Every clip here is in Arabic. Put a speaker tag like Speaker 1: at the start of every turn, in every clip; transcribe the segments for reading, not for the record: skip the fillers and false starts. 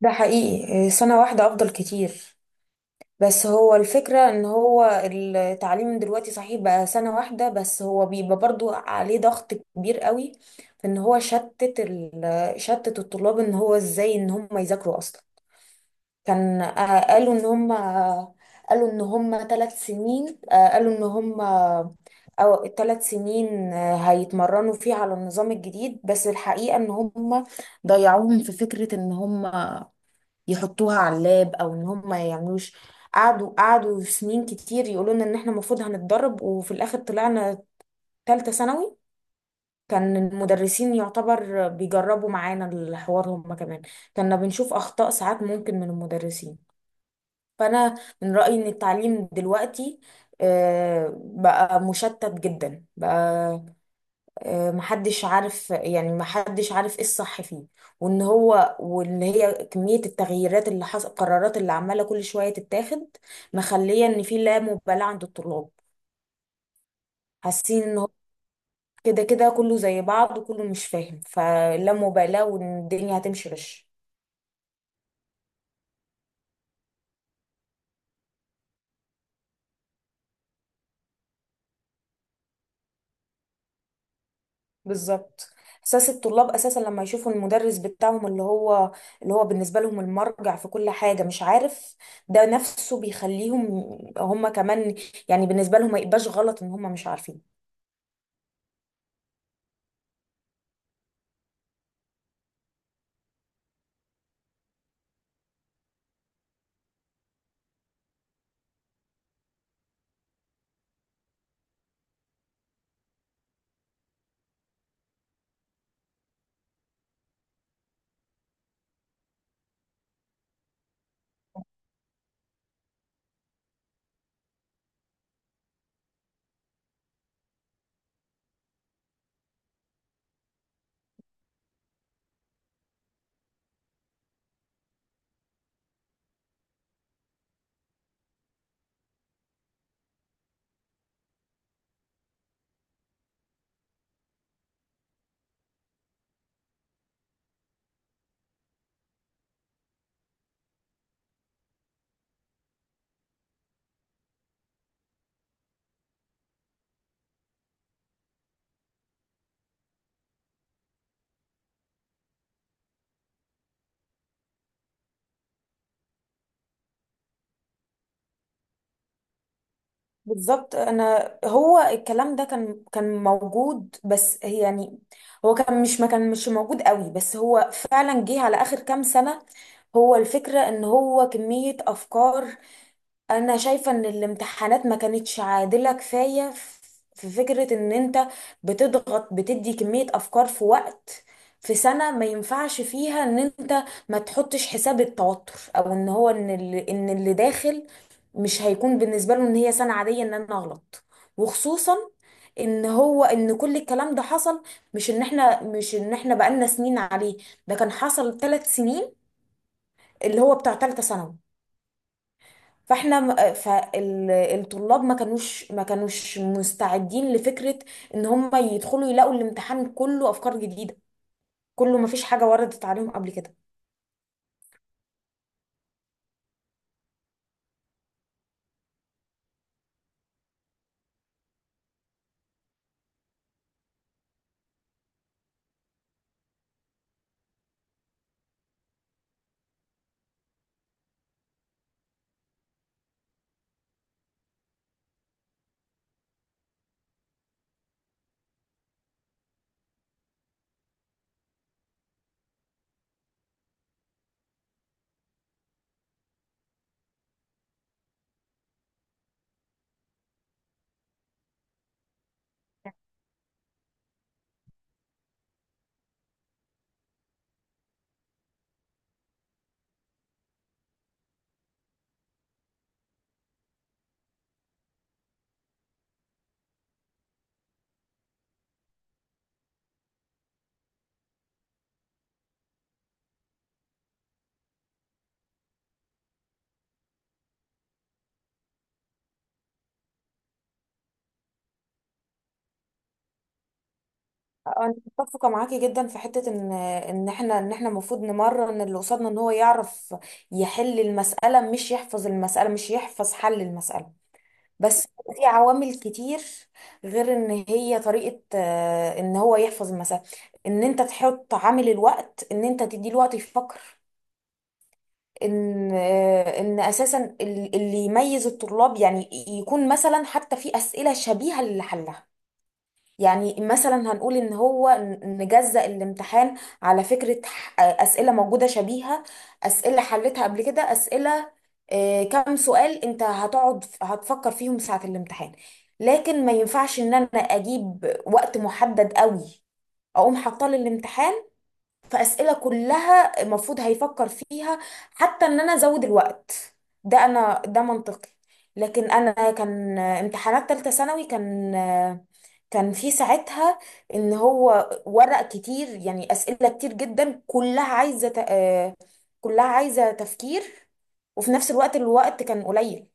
Speaker 1: ده حقيقي سنة واحدة أفضل كتير. بس هو الفكرة إن هو التعليم دلوقتي صحيح بقى سنة واحدة، بس هو بيبقى برضو عليه ضغط كبير قوي في إن هو شتت الطلاب إن هو إزاي إن هم يذاكروا أصلا. كان قالوا إن هم 3 سنين. قالوا إن هم أو 3 سنين هيتمرنوا فيه على النظام الجديد. بس الحقيقة إن هم ضيعوهم في فكرة إن هم يحطوها على اللاب او ان هم ما يعملوش. قعدوا في سنين كتير يقولوا لنا ان احنا المفروض هنتدرب، وفي الاخر طلعنا تالتة ثانوي. كان المدرسين يعتبر بيجربوا معانا الحوار هم كمان، كنا بنشوف اخطاء ساعات ممكن من المدرسين. فانا من رأيي ان التعليم دلوقتي بقى مشتت جدا بقى. محدش عارف، يعني محدش عارف ايه الصح فيه، وان هو واللي هي كمية التغييرات اللي حصل، القرارات اللي عمالة كل شوية تتاخد، مخلية ان في لا مبالاة عند الطلاب. حاسين ان هو كده كده كله زي بعض وكله مش فاهم، فلا مبالاة وان الدنيا هتمشي غش. بالظبط. احساس الطلاب اساسا لما يشوفوا المدرس بتاعهم اللي هو بالنسبه لهم المرجع في كل حاجه مش عارف، ده نفسه بيخليهم هم كمان يعني بالنسبه لهم ما يبقاش غلط ان هم مش عارفين. بالظبط. انا هو الكلام ده كان موجود، بس هي يعني هو كان مش موجود قوي، بس هو فعلا جه على اخر كام سنه. هو الفكره ان هو كميه افكار، انا شايفة ان الامتحانات ما كانتش عادلة كفاية. في فكرة ان انت بتضغط، بتدي كمية افكار في وقت، في سنة ما ينفعش فيها ان انت ما تحطش حساب التوتر، او ان هو ان اللي داخل مش هيكون بالنسبة له ان هي سنة عادية ان انا اغلط. وخصوصا ان هو ان كل الكلام ده حصل، مش ان احنا بقالنا سنين عليه. ده كان حصل 3 سنين اللي هو بتاع ثالثة ثانوي. فالطلاب ما كانوش مستعدين لفكرة ان هم يدخلوا يلاقوا الامتحان كله افكار جديدة، كله ما فيش حاجة وردت عليهم قبل كده. انا متفقة معاكي جدا في حتة ان ان احنا المفروض نمرن اللي قصادنا ان هو يعرف يحل المسألة، مش يحفظ المسألة، مش يحفظ حل المسألة. بس في عوامل كتير غير ان هي طريقة ان هو يحفظ المسألة. ان انت تحط عامل الوقت، ان انت تدي له وقت يفكر. ان ان اساسا اللي يميز الطلاب يعني يكون مثلا حتى في اسئله شبيهه للي حلها. يعني مثلا هنقول ان هو نجزأ الامتحان على فكره. اسئله موجوده شبيهه، اسئله حلتها قبل كده، اسئله كام سؤال انت هتقعد هتفكر فيهم ساعه الامتحان. لكن ما ينفعش ان انا اجيب وقت محدد قوي اقوم حاطاه للامتحان، فأسئلة كلها المفروض هيفكر فيها، حتى ان انا ازود الوقت. ده انا ده منطقي. لكن انا كان امتحانات تالتة ثانوي كان في ساعتها ان هو ورق كتير، يعني أسئلة كتير جدا كلها عايزة كلها عايزة تفكير، وفي نفس الوقت الوقت كان قليل.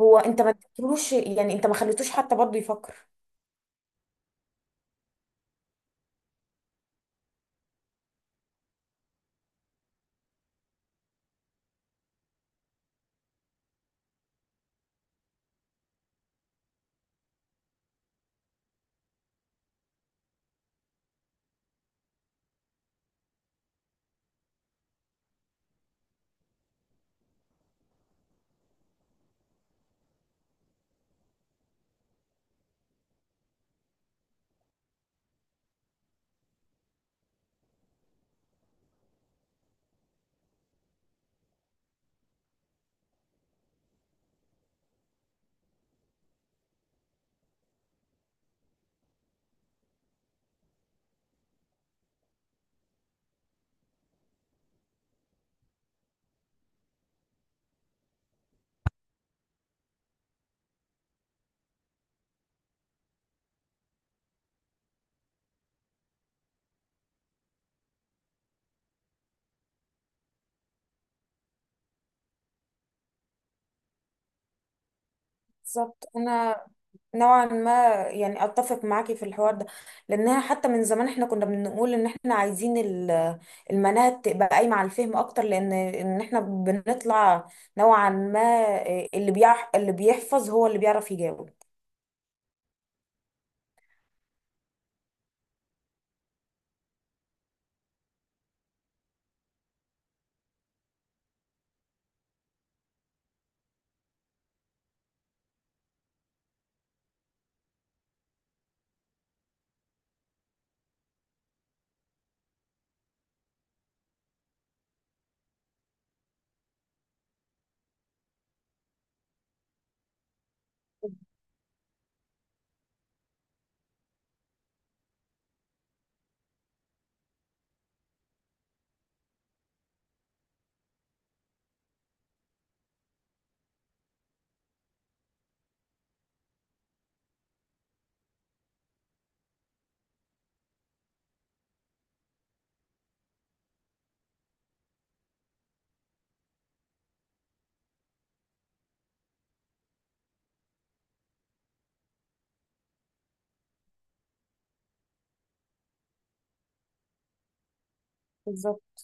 Speaker 1: هو انت ما اديتلوش، يعني انت ما خليتوش حتى برضه يفكر. بالظبط. انا نوعا ما يعني اتفق معاكي في الحوار ده، لانها حتى من زمان احنا كنا بنقول ان احنا عايزين المناهج تبقى قايمه على الفهم اكتر، لان ان احنا بنطلع نوعا ما اللي بيحفظ هو اللي بيعرف يجاوب. بالظبط.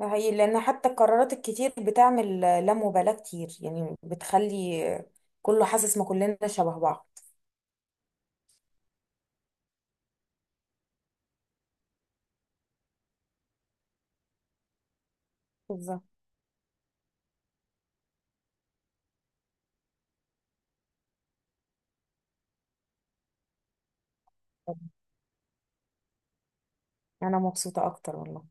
Speaker 1: ده حقيقي لان حتى القرارات الكتير بتعمل لا مبالاه كتير، يعني بتخلي كله حاسس ما كلنا شبه بعض. بالظبط. انا مبسوطه اكتر والله.